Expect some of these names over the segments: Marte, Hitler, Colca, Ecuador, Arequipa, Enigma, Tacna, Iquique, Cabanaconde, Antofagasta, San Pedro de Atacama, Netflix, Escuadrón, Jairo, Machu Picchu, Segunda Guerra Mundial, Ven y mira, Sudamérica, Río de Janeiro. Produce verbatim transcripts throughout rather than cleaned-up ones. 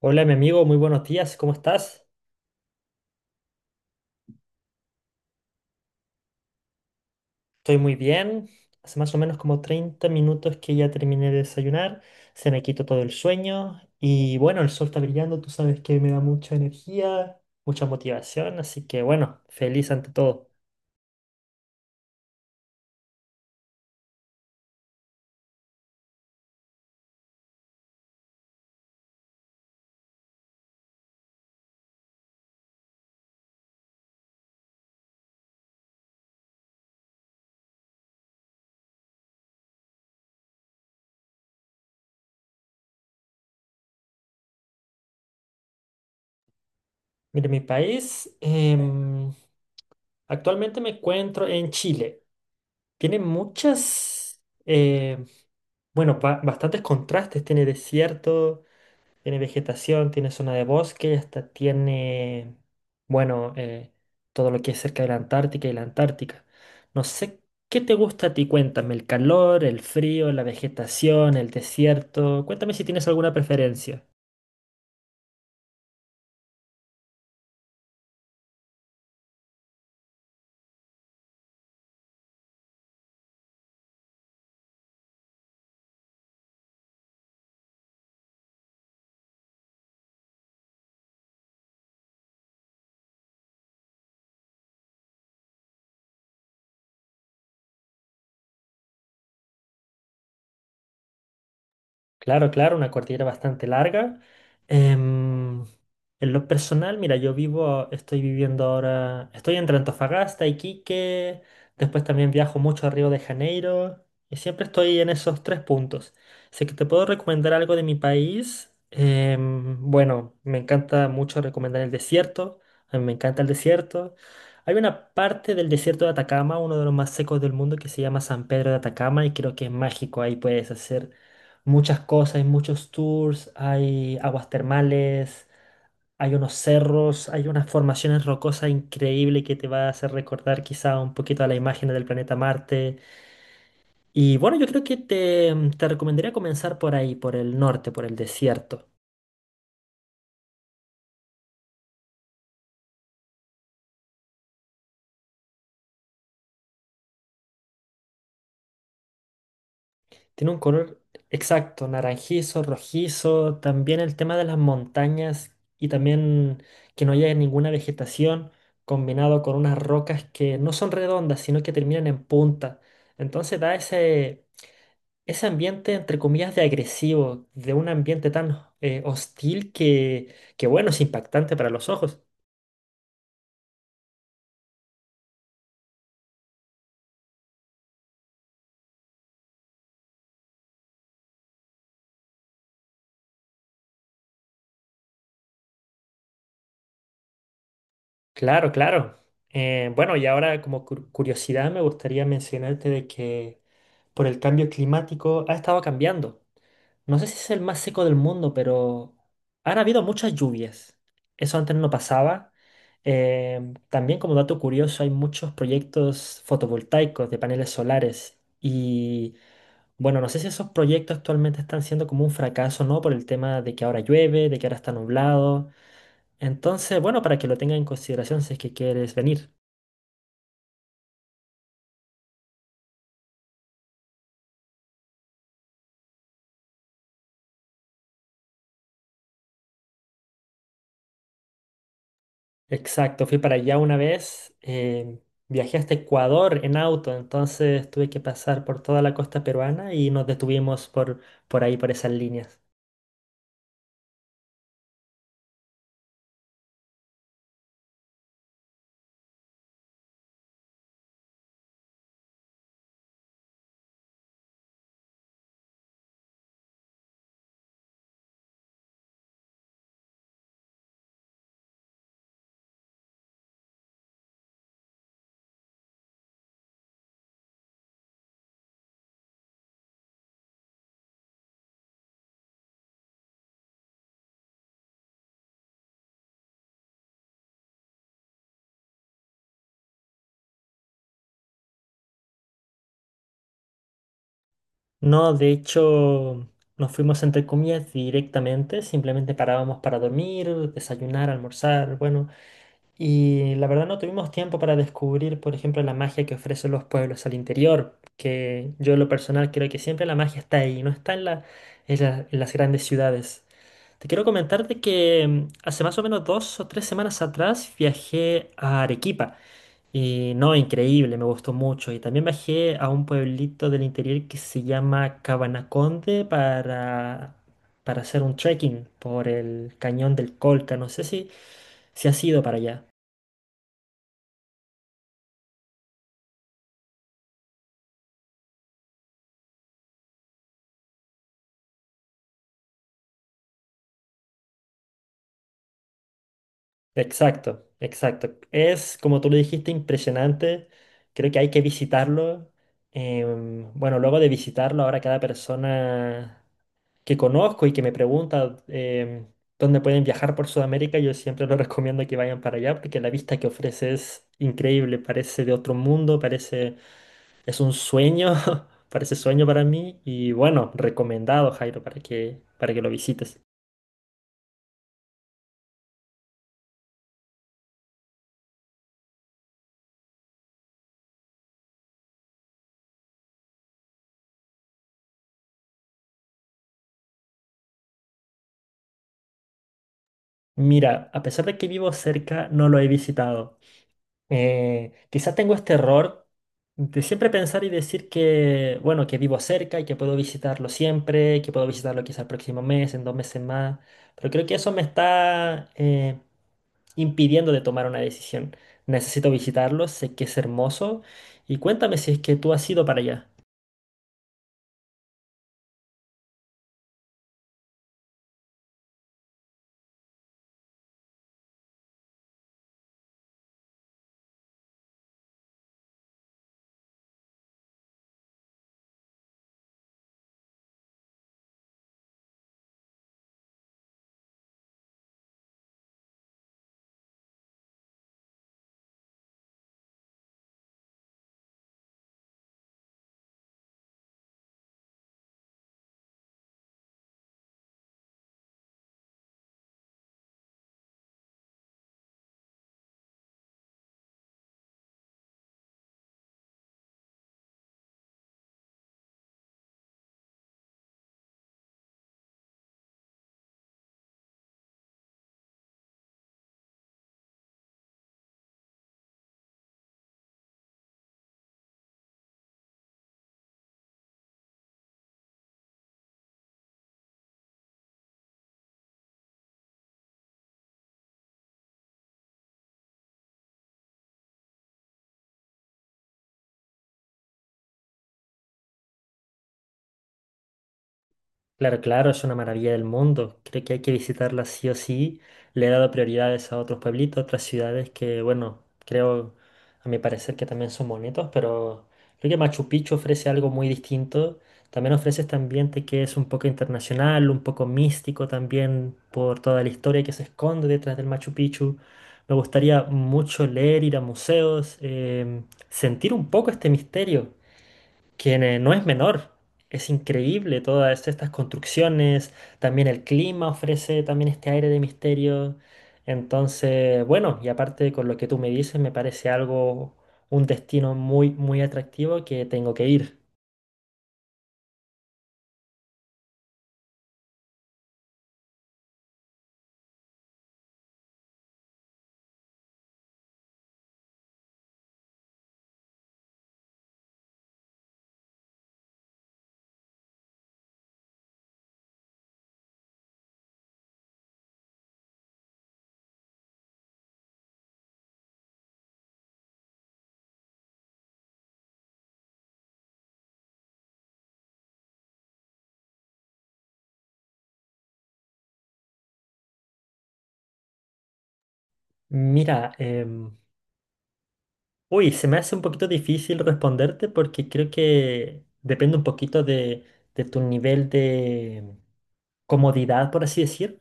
Hola, mi amigo, muy buenos días, ¿cómo estás? Estoy muy bien. Hace más o menos como treinta minutos que ya terminé de desayunar, se me quitó todo el sueño y bueno, el sol está brillando, tú sabes que me da mucha energía, mucha motivación, así que bueno, feliz ante todo. Mire, mi país, em, actualmente me encuentro en Chile. Tiene muchas, eh, bueno, ba- bastantes contrastes, tiene desierto. Tiene vegetación, tiene zona de bosque y hasta tiene, bueno, eh, todo lo que es cerca de la Antártica y la Antártica. No sé qué te gusta a ti, cuéntame, el calor, el frío, la vegetación, el desierto. Cuéntame si tienes alguna preferencia. Claro, claro, una cordillera bastante larga. Em, en lo personal, mira, yo vivo, estoy viviendo ahora, estoy entre Antofagasta, Iquique, después también viajo mucho a Río de Janeiro y siempre estoy en esos tres puntos. Así que te puedo recomendar algo de mi país. Em, bueno, me encanta mucho recomendar el desierto, a mí me encanta el desierto. Hay una parte del desierto de Atacama, uno de los más secos del mundo, que se llama San Pedro de Atacama y creo que es mágico, ahí puedes hacer muchas cosas, hay muchos tours, hay aguas termales, hay unos cerros, hay unas formaciones rocosas increíbles que te va a hacer recordar quizá un poquito a la imagen del planeta Marte. Y bueno, yo creo que te, te recomendaría comenzar por ahí, por el norte, por el desierto. Tiene un color exacto, naranjizo, rojizo, también el tema de las montañas y también que no haya ninguna vegetación combinado con unas rocas que no son redondas, sino que terminan en punta. Entonces da ese, ese ambiente, entre comillas, de agresivo, de un ambiente tan eh, hostil que, que, bueno, es impactante para los ojos. Claro, claro. Eh, bueno, y ahora como cur- curiosidad me gustaría mencionarte de que por el cambio climático ha estado cambiando. No sé si es el más seco del mundo, pero han habido muchas lluvias. Eso antes no pasaba. Em, también como dato curioso, hay muchos proyectos fotovoltaicos de paneles solares. Y bueno, no sé si esos proyectos actualmente están siendo como un fracaso, ¿no? Por el tema de que ahora llueve, de que ahora está nublado. Entonces, bueno, para que lo tenga en consideración si es que quieres venir. Exacto, fui para allá una vez, eh, viajé hasta Ecuador en auto, entonces tuve que pasar por toda la costa peruana y nos detuvimos por, por ahí, por esas líneas. No, de hecho, nos fuimos entre comillas directamente, simplemente parábamos para dormir, desayunar, almorzar, bueno, y la verdad no tuvimos tiempo para descubrir, por ejemplo, la magia que ofrecen los pueblos al interior, que yo en lo personal creo que siempre la magia está ahí, no está en la- en la- en las grandes ciudades. Te quiero comentar de que mm, hace más o menos dos o tres semanas atrás viajé a Arequipa y no, increíble, me gustó mucho. Y también viajé a un pueblito del interior que se llama Cabanaconde para, para hacer un trekking por el cañón del Colca, no sé si, si has ido para allá. Exacto, exacto. Es, como tú lo dijiste, impresionante. Creo que hay que visitarlo. Em, bueno, luego de visitarlo, ahora cada persona que conozco y que me pregunta em, dónde pueden viajar por Sudamérica, yo siempre les recomiendo que vayan para allá porque la vista que ofrece es increíble. Parece de otro mundo, parece, es un sueño, parece sueño para mí. Y bueno, recomendado, Jairo, para que, para que lo visites. Mira, a pesar de que vivo cerca, no lo he visitado. Eh, quizá tengo este error de siempre pensar y decir que, bueno, que vivo cerca y que puedo visitarlo siempre, que puedo visitarlo quizá el próximo mes, en dos meses más, pero creo que eso me está eh, impidiendo de tomar una decisión. Necesito visitarlo, sé que es hermoso y cuéntame si es que tú has ido para allá. Claro, claro, es una maravilla del mundo. Creo que hay que visitarla sí o sí. Le he dado prioridades a otros pueblitos, otras ciudades que, bueno, creo, a mi parecer que también son bonitos, pero creo que Machu Picchu ofrece algo muy distinto. También ofrece este ambiente que es un poco internacional, un poco místico también por toda la historia que se esconde detrás del Machu Picchu. Me gustaría mucho leer, ir a museos, em, sentir un poco este misterio quien eh, no es menor. Es increíble todas estas construcciones, también el clima ofrece también este aire de misterio. Entonces, bueno, y aparte con lo que tú me dices, me parece algo, un destino muy, muy atractivo que tengo que ir. Mira, em, uy, se me hace un poquito difícil responderte porque creo que depende un poquito de, de tu nivel de comodidad, por así decir.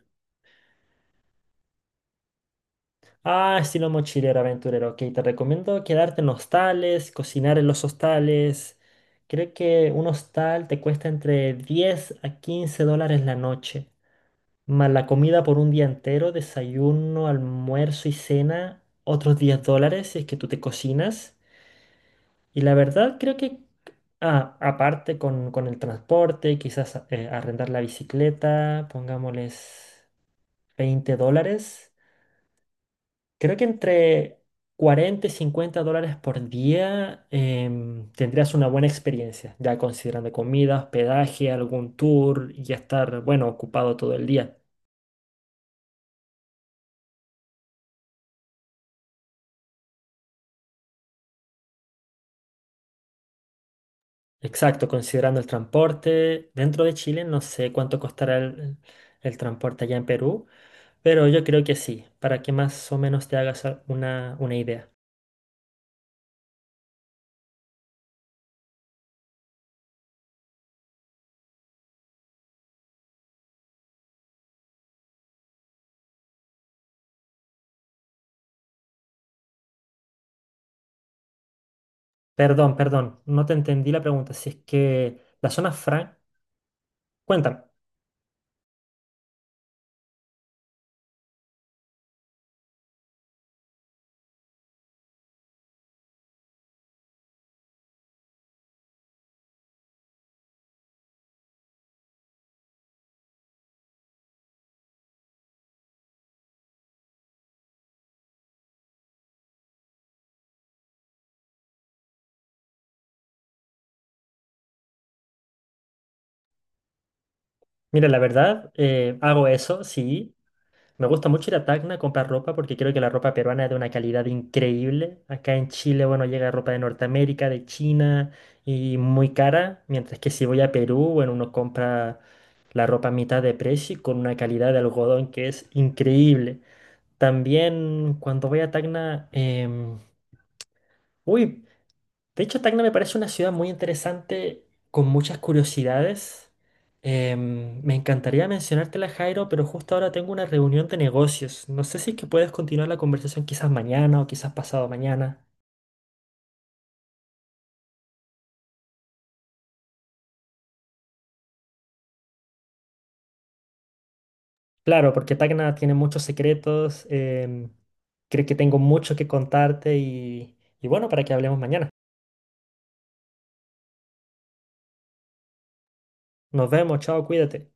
Ah, estilo mochilero aventurero. Ok, te recomiendo quedarte en hostales, cocinar en los hostales. Creo que un hostal te cuesta entre diez a quince dólares la noche. Más la comida por un día entero, desayuno, almuerzo y cena, otros diez dólares si es que tú te cocinas. Y la verdad creo que, ah, aparte con, con el transporte, quizás eh, arrendar la bicicleta, pongámosles veinte dólares. Creo que entre cuarenta y cincuenta dólares por día em, tendrías una buena experiencia, ya considerando comida, hospedaje, algún tour y estar, bueno, ocupado todo el día. Exacto, considerando el transporte. Dentro de Chile no sé cuánto costará el, el transporte allá en Perú, pero yo creo que sí, para que más o menos te hagas a- una, una idea. Perdón, perdón, no te entendí la pregunta. Si es que la zona franca... Cuéntame. Mira, la verdad, eh, hago eso, sí. Me gusta mucho ir a Tacna a comprar ropa porque creo que la ropa peruana es de una calidad increíble. Acá en Chile, bueno, llega ropa de Norteamérica, de China y muy cara, mientras que si voy a Perú, bueno, uno compra la ropa a mitad de precio y con una calidad de algodón que es increíble. También cuando voy a Tacna, em, uy, de hecho, Tacna me parece una ciudad muy interesante, con muchas curiosidades. Em, me encantaría mencionártela, Jairo, pero justo ahora tengo una reunión de negocios. No sé si es que puedes continuar la conversación quizás mañana o quizás pasado mañana. Claro, porque Tacna tiene muchos secretos, em, creo que tengo mucho que contarte y, y bueno, para que hablemos mañana. Nos vemos, chao, cuídate.